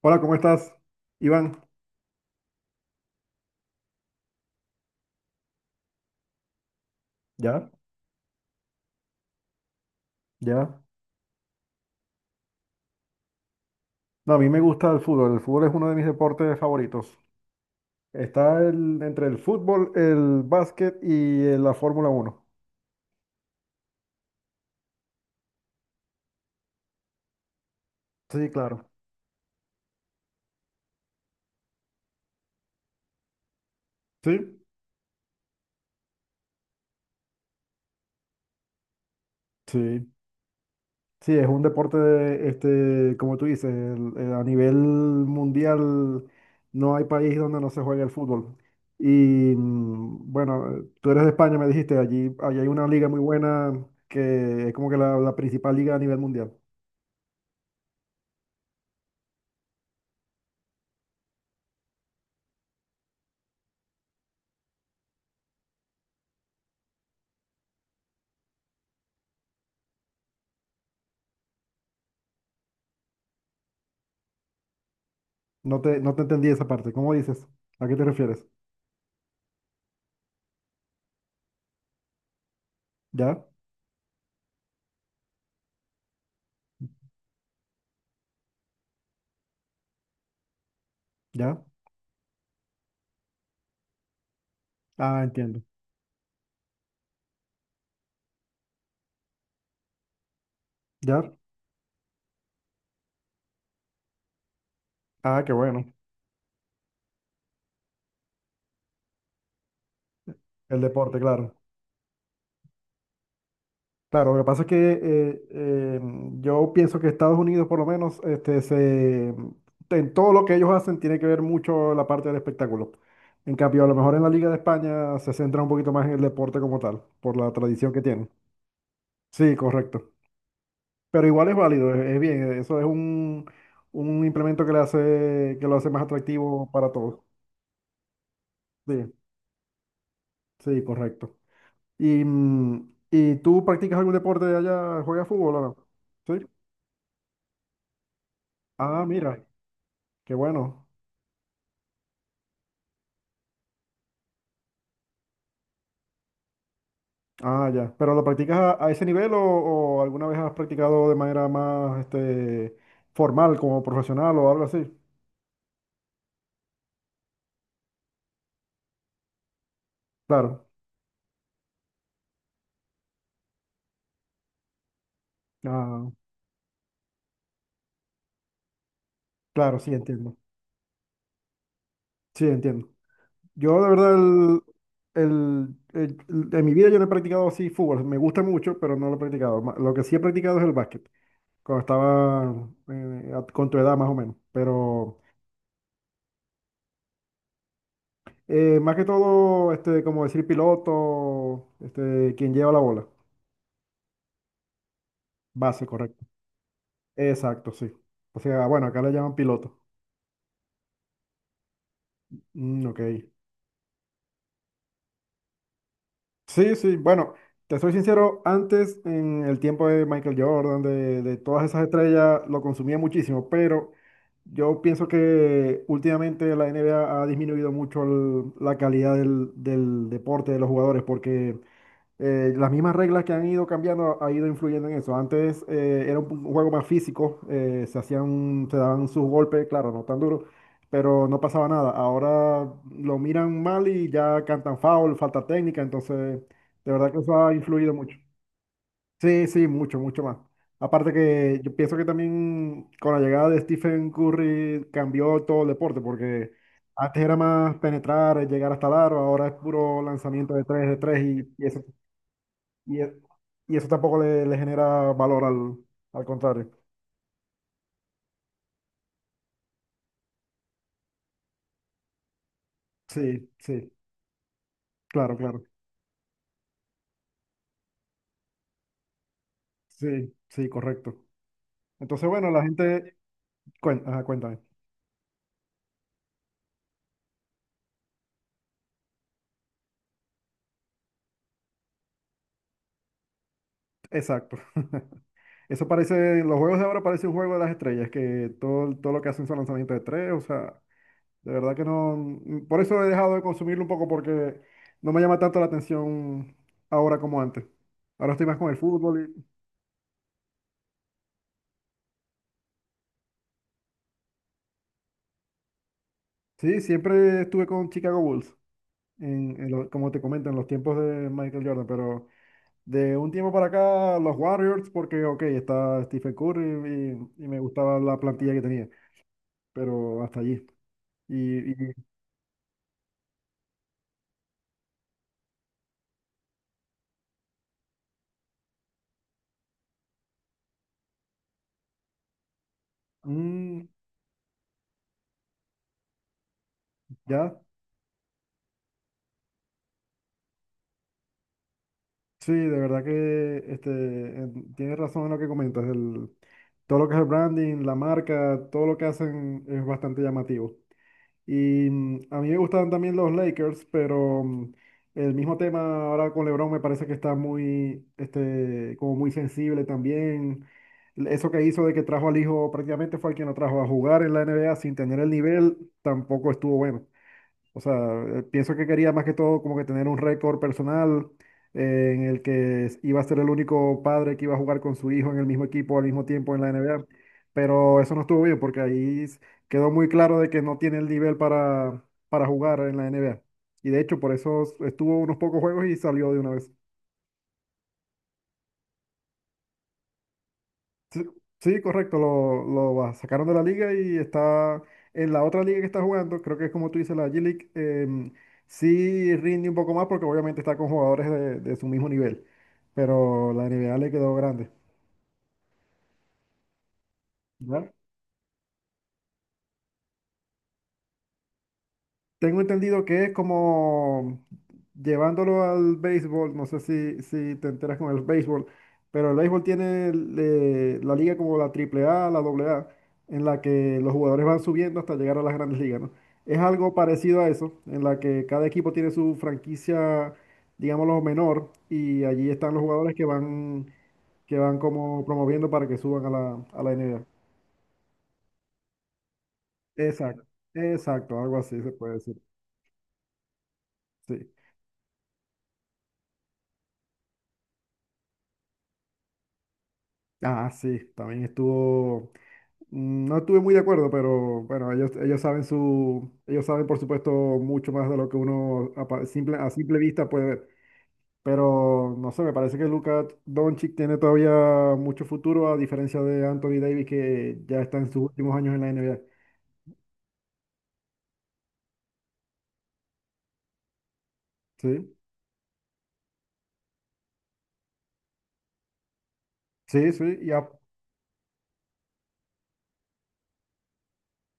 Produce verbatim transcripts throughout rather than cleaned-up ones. Hola, ¿cómo estás, Iván? Ya, ya. No, a mí me gusta el fútbol. El fútbol es uno de mis deportes favoritos. Está el- entre el fútbol, el básquet y eh, la Fórmula Uno. Sí, claro. Sí, sí. Sí, es un deporte, este, como tú dices, el- el- a nivel mundial no hay país donde no se juegue el fútbol. Y mm, bueno, eh, tú eres de España, me dijiste, allí, allí hay una liga muy buena que es como que la la principal liga a nivel mundial. No te, no te entendí esa parte. ¿Cómo dices? ¿A qué te refieres? ¿Ya? ¿Ya? Ah, entiendo. ¿Ya? Ah, qué bueno. El deporte, claro. Claro, lo que pasa es que eh, eh, yo pienso que Estados Unidos, por lo menos, este, se, en todo lo que ellos hacen tiene que ver mucho la parte del espectáculo. En cambio, a lo mejor en la Liga de España se centra un poquito más en el deporte como tal, por la tradición que tienen. Sí, correcto. Pero igual es válido, es, es bien. Eso es un, un implemento que le hace, que lo hace más atractivo para todos. Sí, sí, correcto. ¿Y, mm, ¿y tú practicas algún deporte allá? ¿Juegas fútbol o no? Sí. Ah, mira, qué bueno. Ah, ya. ¿Pero lo practicas a, a ese nivel o, o alguna vez has practicado de manera más este, formal, como profesional o algo así? Claro. Ah, claro, sí, entiendo. Sí, entiendo. Yo de verdad, el, el- el- el- en mi vida yo no he practicado así fútbol. Me gusta mucho, pero no lo he practicado. Ma- Lo que sí he practicado es el básquet. Cuando estaba eh, a- con tu edad más o menos. Pero eh, más que todo, este, como decir piloto, este, quien lleva la bola. Base, correcto. Exacto, sí. O sea, bueno, acá le llaman piloto. Mm, ok. Sí, sí, bueno, te soy sincero, antes en el tiempo de Michael Jordan, de, de todas esas estrellas, lo consumía muchísimo, pero yo pienso que últimamente la N B A ha disminuido mucho el- la calidad del, del deporte de los jugadores, porque eh, las mismas reglas que han ido cambiando ha ido influyendo en eso. Antes eh, era un, un juego más físico, eh, se hacían, se daban sus golpes, claro, no tan duros, pero no pasaba nada. Ahora lo miran mal y ya cantan foul, falta técnica, entonces de verdad que eso ha influido mucho. Sí, sí, mucho, mucho más. Aparte que yo pienso que también con la llegada de Stephen Curry cambió todo el deporte, porque antes era más penetrar, llegar hasta el aro, ahora es puro lanzamiento de tres de tres y, y eso y, e- y eso tampoco le, le genera valor al, al contrario. Sí, sí, claro, claro. Sí, sí, correcto. Entonces, bueno, la gente... cuen- ajá, cuéntame. Exacto. Eso parece, los juegos de ahora parece un juego de las estrellas, que todo, todo lo que hacen son lanzamientos de tres, o sea, de verdad que no, mm, por eso he dejado de consumirlo un poco porque no me llama tanto la atención ahora como antes. Ahora estoy más con el fútbol y, sí, siempre estuve con Chicago Bulls. En- en lo- como te comento, en los tiempos de Michael Jordan, pero de un tiempo para acá, los Warriors, porque, ok, está Stephen Curry y, y me gustaba la plantilla que tenía, pero hasta allí. Y, y, mm, ya, sí, de verdad que este, en- tienes razón en lo que comentas, el, todo lo que es el branding, la marca, todo lo que hacen es bastante llamativo. Y mm, a mí me gustaban también los Lakers, pero mm, el mismo tema ahora con LeBron me parece que está muy, este, como muy sensible también. L- Eso que hizo de que trajo al hijo prácticamente fue el quien lo trajo a jugar en la N B A sin tener el nivel, tampoco estuvo bueno. O sea, eh, pienso que quería más que todo como que tener un récord personal eh, en el que s- iba a ser el único padre que iba a jugar con su hijo en el mismo equipo al mismo tiempo en la N B A. Pero eso no estuvo bien porque ahí s- quedó muy claro de que no tiene el nivel para, para jugar en la N B A. Y de hecho, por eso s- estuvo unos pocos juegos y salió de una vez. Sí, sí, correcto, lo, lo ba- sacaron de la liga y está en la otra liga que está jugando, creo que es como tú dices, la G-League, em, sí rinde un poco más porque obviamente está con jugadores de, de su mismo nivel, pero la N B A le quedó grande. ¿Ya? Tengo entendido que es como llevándolo al béisbol, no sé si, si te enteras con el béisbol, pero el béisbol tiene eh, la liga como la Triple A, la A A, en la que los jugadores van subiendo hasta llegar a las grandes ligas, ¿no? Es algo parecido a eso, en la que cada equipo tiene su franquicia, digámoslo, menor, y allí están los jugadores que van, que van como promoviendo para que suban a la, a la N. NBA. Exacto, exacto, algo así se puede decir. Sí. Ah, sí, también estuvo, mm, no estuve muy de acuerdo, pero bueno, ellos, ellos saben su, ellos saben por supuesto mucho más de lo que uno a, pa- simple, a simple vista puede ver. Pero no sé, me parece que Luka Doncic tiene todavía mucho futuro, a diferencia de Anthony Davis, que ya está en sus últimos años en la N B A. Sí, sí, sí, y a-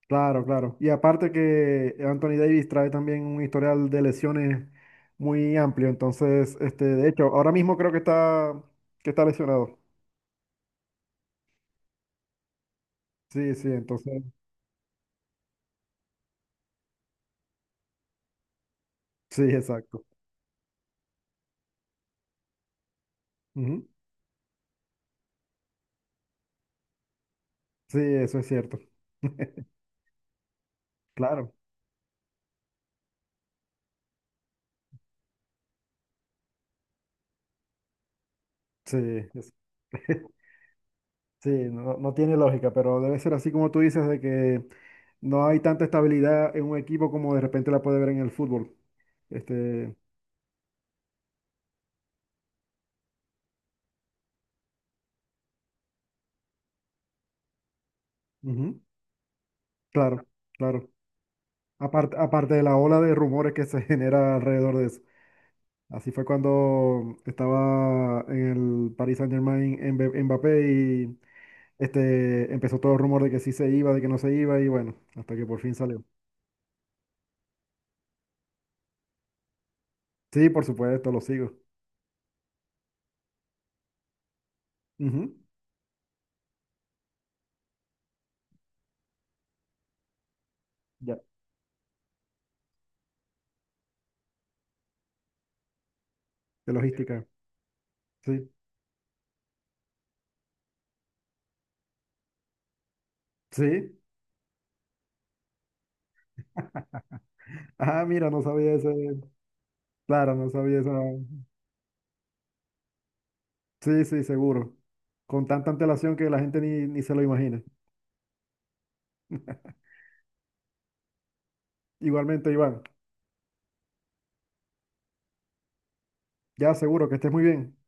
claro, claro. Y aparte que Anthony Davis trae también un historial de lesiones muy amplio, entonces, este, de hecho, ahora mismo creo que está, que está lesionado. Sí, sí, entonces, sí, exacto. Ujú. Sí, eso es cierto. Claro, sí, es- sí, no, no tiene lógica, pero debe ser así como tú dices, de que no hay tanta estabilidad en un equipo como de repente la puede ver en el fútbol. Este, ujú, claro, claro. Aparte, aparte de la ola de rumores que se genera alrededor de eso. Así fue cuando estaba en el Paris Saint-Germain en Mbappé. Este, empezó todo el rumor de que sí se iba, de que no se iba, y bueno, hasta que por fin salió. Sí, por supuesto, lo sigo. Ujú, ya. De logística. Sí. Sí. Ah, mira, no sabía ese. Claro, no sabía esa. Sí, sí, seguro. Con tanta antelación que la gente ni, ni se lo imagina. Igualmente, Iván, ya seguro que estés muy bien.